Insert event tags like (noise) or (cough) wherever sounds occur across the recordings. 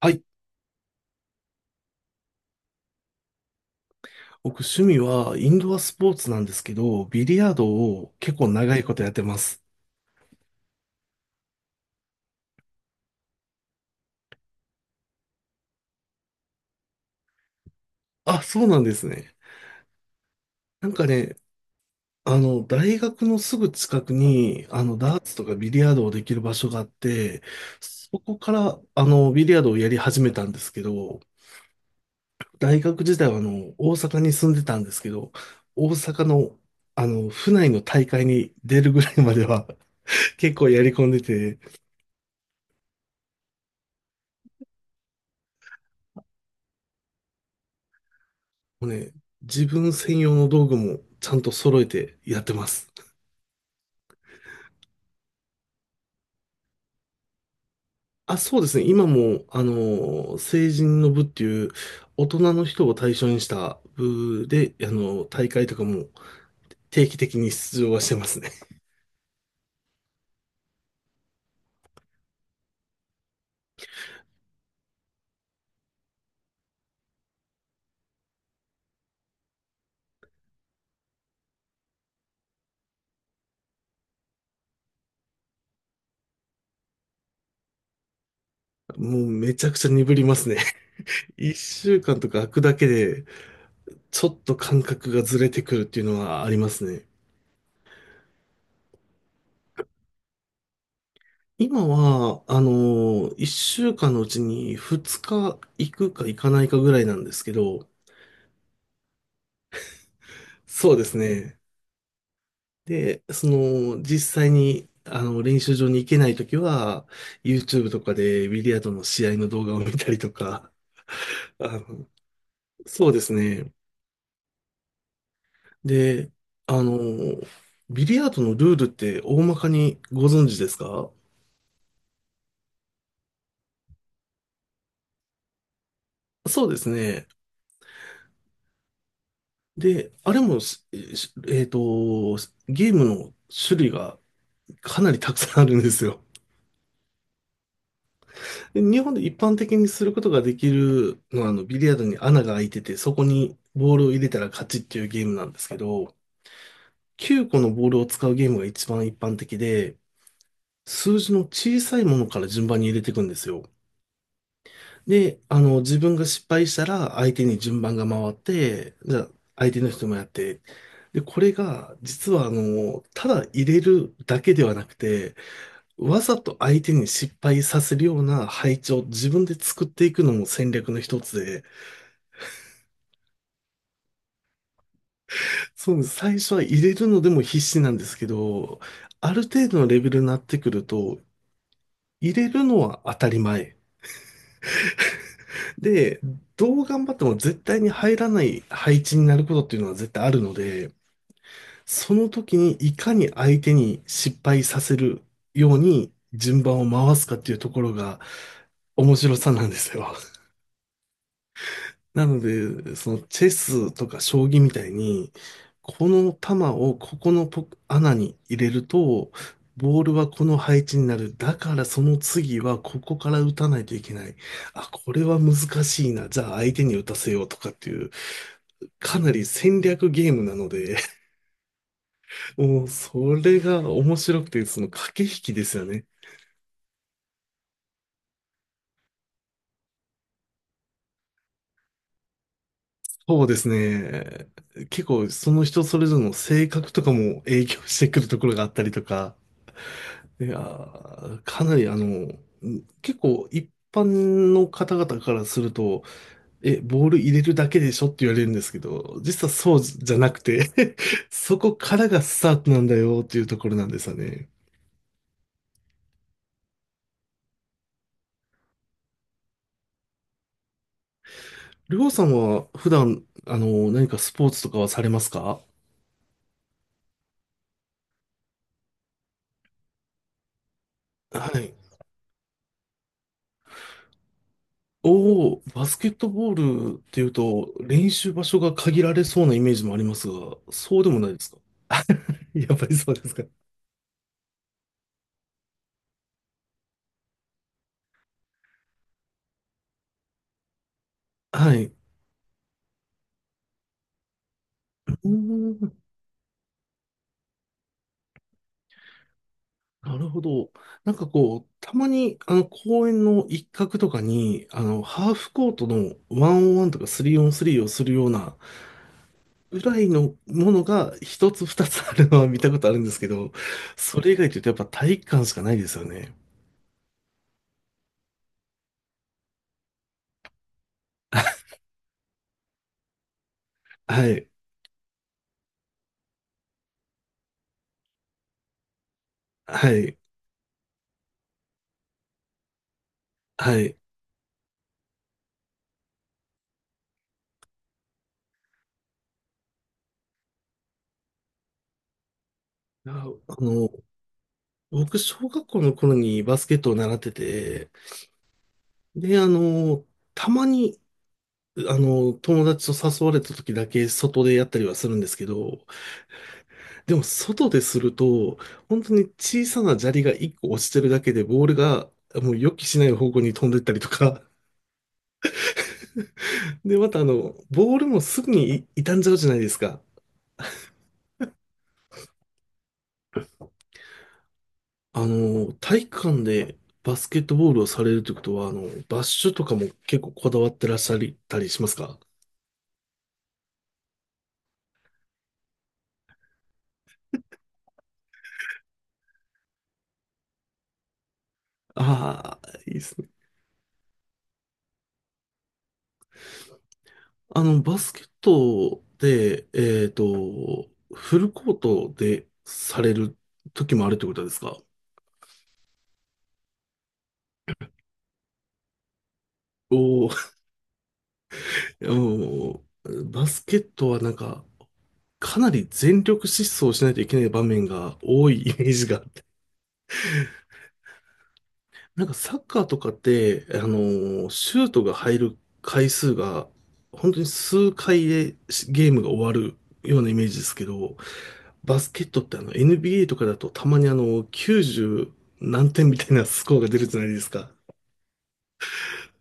はい。僕、趣味はインドアスポーツなんですけど、ビリヤードを結構長いことやってます。あ、そうなんですね。なんかね、大学のすぐ近くに、ダーツとかビリヤードをできる場所があって、そこから、ビリヤードをやり始めたんですけど、大学時代は、大阪に住んでたんですけど、大阪の、府内の大会に出るぐらいまでは結構やり込んでて、もうね、自分専用の道具もちゃんと揃えてやってます。あ、そうですね。今も、成人の部っていう、大人の人を対象にした部で、大会とかも定期的に出場はしてますね。もうめちゃくちゃ鈍りますね。(laughs) 一週間とか空くだけで、ちょっと感覚がずれてくるっていうのはありますね。今は、一週間のうちに2日行くか行かないかぐらいなんですけど、そうですね。で、その、実際に、練習場に行けないときは、YouTube とかでビリヤードの試合の動画を見たりとか、(laughs) あの、そうですね。で、あの、ビリヤードのルールって大まかにご存知ですか？そうですね。で、あれもし、しえっと、ゲームの種類がかなりたくさんあるんですよ。で、日本で一般的にすることができるのは、ビリヤードに穴が開いてて、そこにボールを入れたら勝ちっていうゲームなんですけど、9個のボールを使うゲームが一番一般的で、数字の小さいものから順番に入れていくんですよ。で、自分が失敗したら相手に順番が回って、じゃあ相手の人もやって。で、これが実はただ入れるだけではなくて、わざと相手に失敗させるような配置を自分で作っていくのも戦略の一つで、そう、最初は入れるのでも必死なんですけど、ある程度のレベルになってくると、入れるのは当たり前。で、どう頑張っても絶対に入らない配置になることっていうのは絶対あるので、その時にいかに相手に失敗させるように順番を回すかっていうところが面白さなんですよ。なので、そのチェスとか将棋みたいに、この玉をここのポ穴に入れると、ボールはこの配置になる。だからその次はここから打たないといけない。あ、これは難しいな。じゃあ相手に打たせようとかっていう、かなり戦略ゲームなので、(laughs) もうそれが面白くて、その駆け引きですよね。そうですね。結構その人それぞれの性格とかも影響してくるところがあったりとか、いやー、かなり結構一般の方々からすると、え、ボール入れるだけでしょって言われるんですけど、実はそうじゃなくて (laughs) そこからがスタートなんだよっていうところなんですよね。りょうさんは普段、何かスポーツとかはされますか？はい。おお、バスケットボールっていうと、練習場所が限られそうなイメージもありますが、そうでもないですか？やっぱりそうですか。はい。うーん、なるほど。なんかこう、たまに、公園の一角とかに、ハーフコートのワンオンワンとかスリーオンスリーをするような、ぐらいのものが一つ二つあるのは見たことあるんですけど、それ以外というとやっぱ体育館しかないですよね。はい、はい、はい。いや、の、僕、小学校の頃にバスケットを習ってて、で、たまに、友達と誘われた時だけ外でやったりはするんですけど、でも外ですると、本当に小さな砂利が1個落ちてるだけで、ボールがもう予期しない方向に飛んでったりとか。(laughs) で、またボールもすぐにい傷んじゃうじゃないですか。体育館でバスケットボールをされるということは、バッシュとかも結構こだわってらっしゃったりしますか？ああー、いいですね。バスケットで、フルコートでされる時もあるということですか？お、もう、バスケットはなんか、かなり全力疾走しないといけない場面が多い (laughs) イメージがあって。なんかサッカーとかって、シュートが入る回数が、本当に数回でゲームが終わるようなイメージですけど、バスケットって、あの、 NBA とかだとたまにあの90何点みたいなスコアが出るじゃないですか。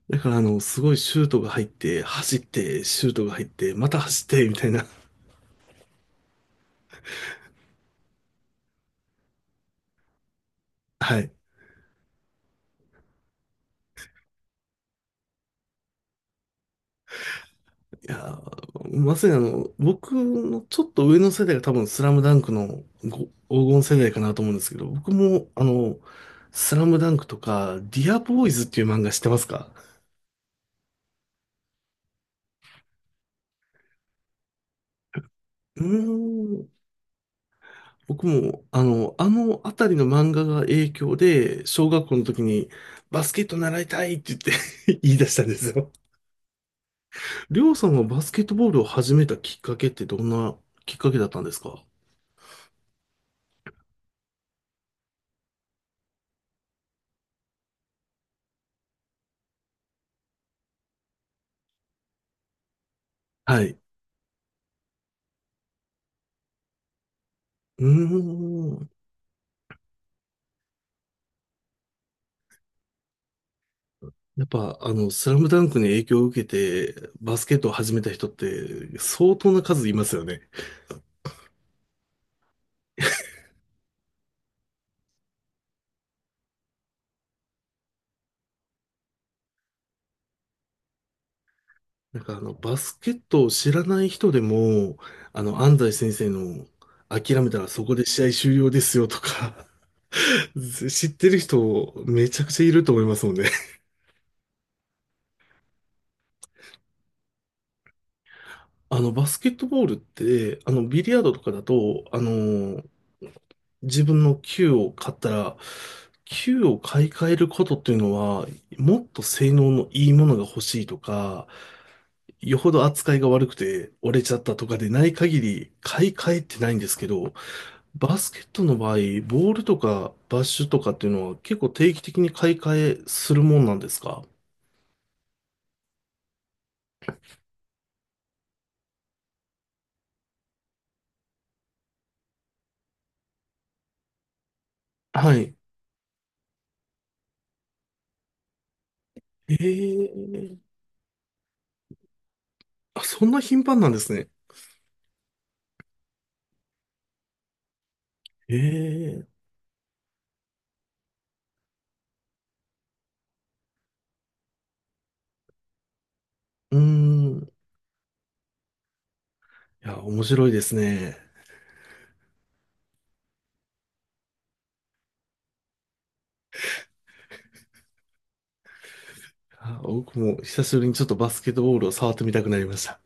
だからすごいシュートが入って、走って、シュートが入って、また走って、みたいな。はい。いやー、まさに僕のちょっと上の世代が多分スラムダンクのご黄金世代かなと思うんですけど、僕もスラムダンクとか、ディアボーイズっていう漫画知ってますか？うーん、僕もあのあたりの漫画が影響で、小学校の時にバスケット習いたいって言って (laughs) 言い出したんですよ。りょうさんはバスケットボールを始めたきっかけってどんなきっかけだったんですか？はい。うーん。やっぱ、スラムダンクに影響を受けて、バスケットを始めた人って、相当な数いますよね。なんか、バスケットを知らない人でも、安西先生の、諦めたらそこで試合終了ですよとか、(laughs) 知ってる人、めちゃくちゃいると思いますもんね。バスケットボールって、ビリヤードとかだと、自分の球を買ったら、球を買い替えることっていうのは、もっと性能のいいものが欲しいとか、よほど扱いが悪くて折れちゃったとかでない限り、買い替えってないんですけど、バスケットの場合、ボールとかバッシュとかっていうのは結構定期的に買い替えするもんなんですか？はい。ええ、あ、そんな頻繁なんですね。ええ、うーん。いや、面白いですね。あ、僕も久しぶりにちょっとバスケットボールを触ってみたくなりました。